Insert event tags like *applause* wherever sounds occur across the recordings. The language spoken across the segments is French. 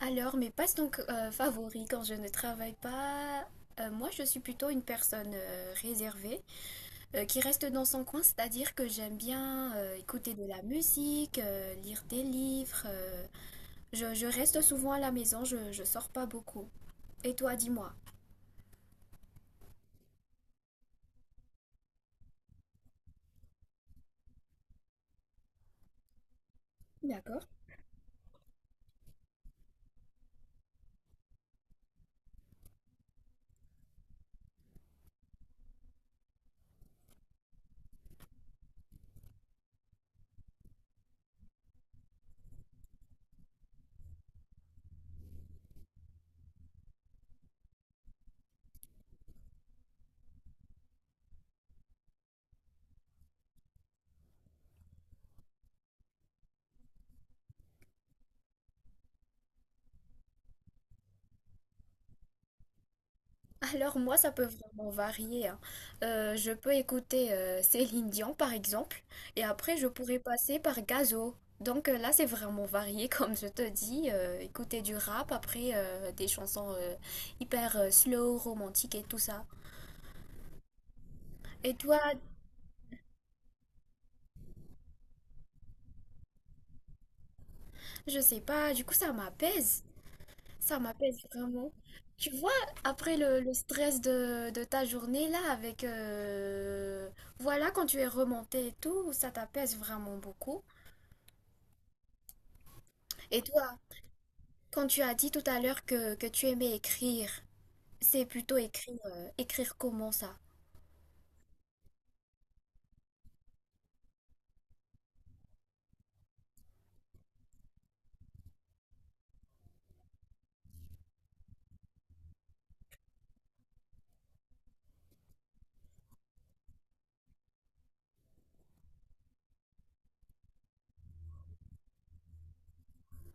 Alors, mes passe donc favoris quand je ne travaille pas, moi je suis plutôt une personne réservée, qui reste dans son coin, c'est-à-dire que j'aime bien écouter de la musique, lire des livres. Je reste souvent à la maison, je sors pas beaucoup. Et toi, dis-moi. D'accord. Alors moi, ça peut vraiment varier, hein. Je peux écouter Céline Dion, par exemple, et après, je pourrais passer par Gazo. Donc là, c'est vraiment varié, *laughs* comme je te dis. Écouter du rap, après des chansons hyper slow, romantiques et tout ça. Et toi, je sais pas, du coup, ça m'apaise. Ça m'apaise vraiment. Tu vois, après le stress de ta journée, là, avec... voilà, quand tu es remonté et tout, ça t'apaise vraiment beaucoup. Et toi? Quand tu as dit tout à l'heure que tu aimais écrire, c'est plutôt écrire, écrire comment ça?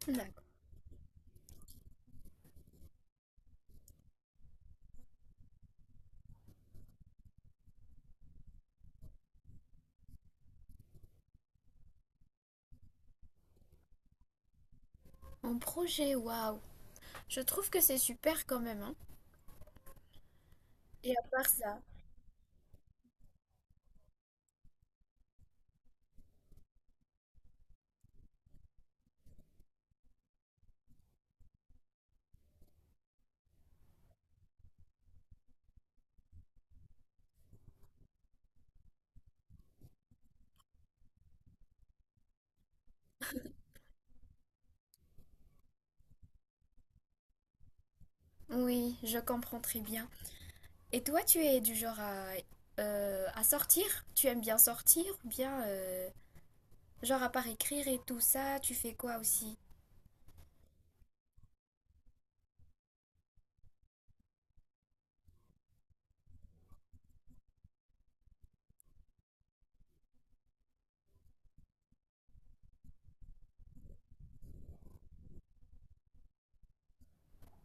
D'accord. En projet, waouh! Je trouve que c'est super quand même, hein. Et à part ça, oui, je comprends très bien. Et toi, tu es du genre à sortir? Tu aimes bien sortir ou bien, genre à part écrire et tout ça, tu fais quoi aussi?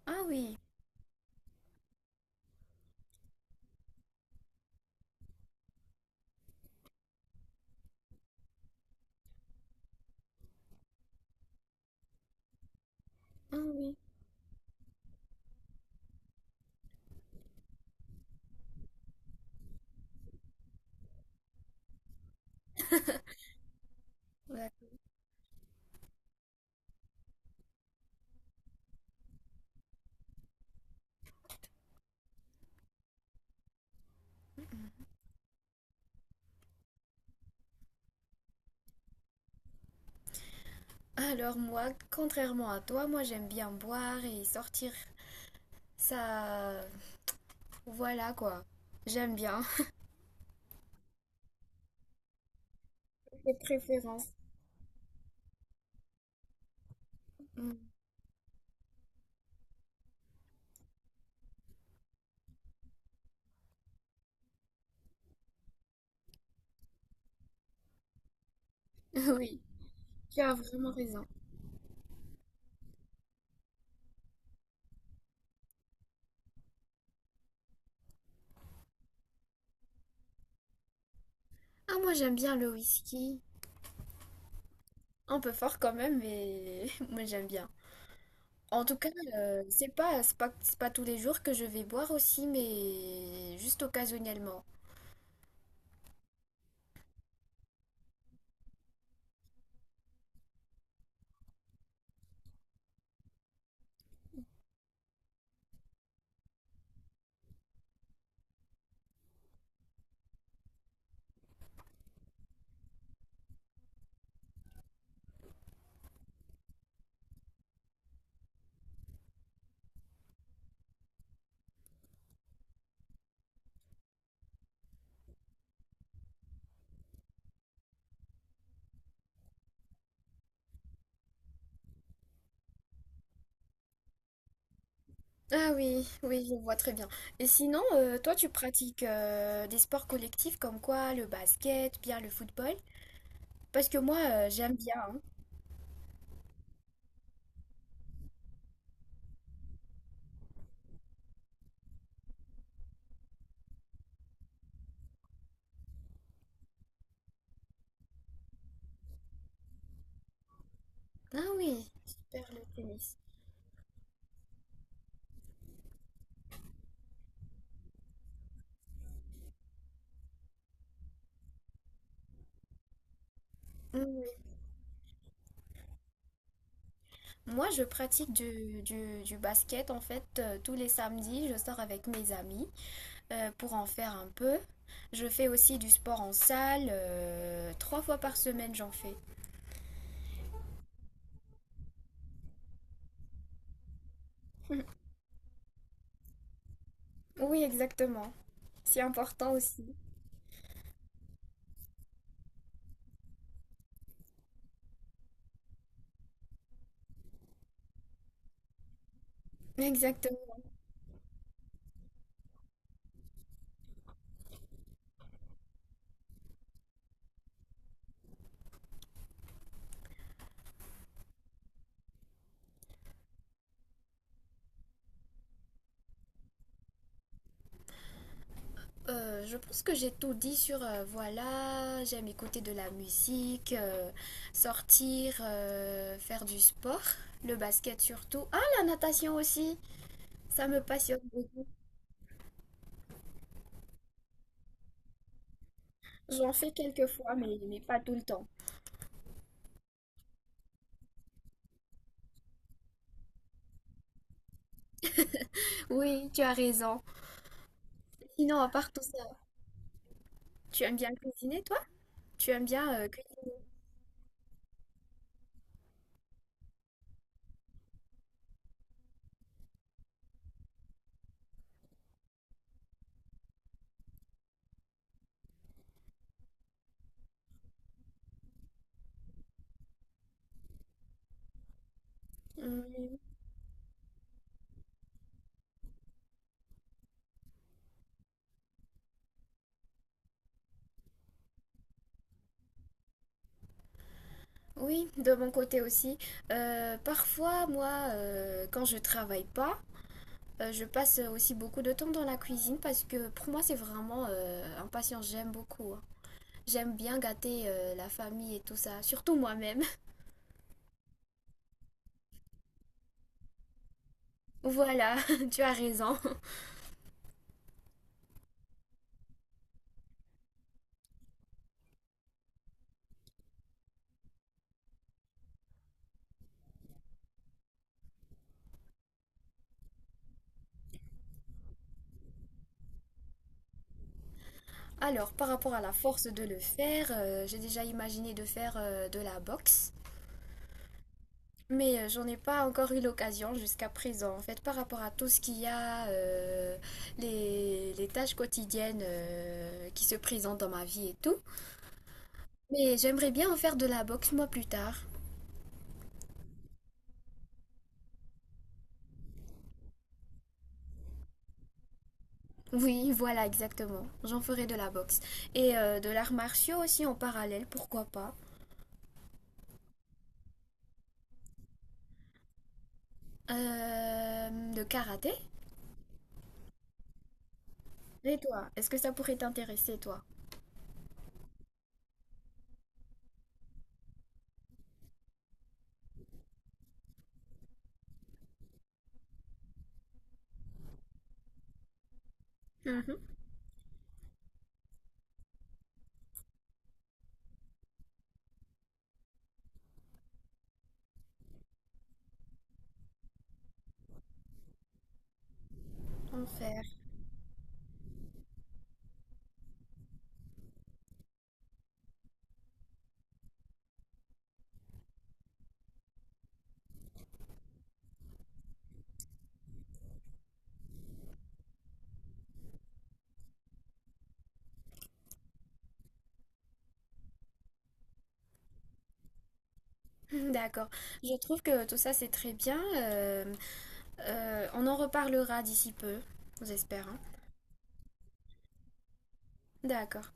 Ah oui, ah oui. D'accord. Alors moi, contrairement à toi, moi j'aime bien boire et sortir. Ça, voilà quoi. J'aime bien. Des préférences. Mm. *laughs* Oui, tu as vraiment raison. Ah, moi j'aime bien le whisky. Un peu fort quand même, mais *laughs* moi j'aime bien. En tout cas, c'est pas, c'est pas, c'est pas tous les jours que je vais boire aussi, mais juste occasionnellement. Ah oui, oui, je vois très bien. Et sinon, toi, tu pratiques des sports collectifs comme quoi le basket, bien le football? Parce que moi, j'aime bien, hein. Ah oui, super le tennis. Moi, je pratique du, du basket en fait tous les samedis. Je sors avec mes amis pour en faire un peu. Je fais aussi du sport en salle. Trois fois par semaine, j'en fais. Oui, exactement. C'est important aussi. Exactement. Je pense que j'ai tout dit sur voilà, j'aime écouter de la musique, sortir, faire du sport, le basket surtout. Ah, la natation aussi, ça me passionne beaucoup. J'en fais quelques fois, mais pas tout le temps. Oui, tu as raison. Sinon, à part tout ça, tu aimes bien cuisiner, toi? Tu aimes bien cuisiner? Hmm. Oui, de mon côté aussi. Parfois, moi, quand je travaille pas, je passe aussi beaucoup de temps dans la cuisine parce que pour moi, c'est vraiment un passion. J'aime beaucoup, hein. J'aime bien gâter la famille et tout ça, surtout moi-même. *laughs* Voilà, *laughs* tu as raison. Alors, par rapport à la force de le faire, j'ai déjà imaginé de faire de la boxe. Mais j'en ai pas encore eu l'occasion jusqu'à présent. En fait, par rapport à tout ce qu'il y a, les tâches quotidiennes qui se présentent dans ma vie et tout. Mais j'aimerais bien en faire de la boxe moi plus tard. Oui, voilà, exactement. J'en ferai de la boxe. Et de l'art martiaux aussi en parallèle, pourquoi pas. De karaté? Et toi, est-ce que ça pourrait t'intéresser, toi? Mhm. En faire. *laughs* D'accord. Je trouve que tout ça c'est très bien. On en reparlera d'ici peu, j'espère, hein. D'accord.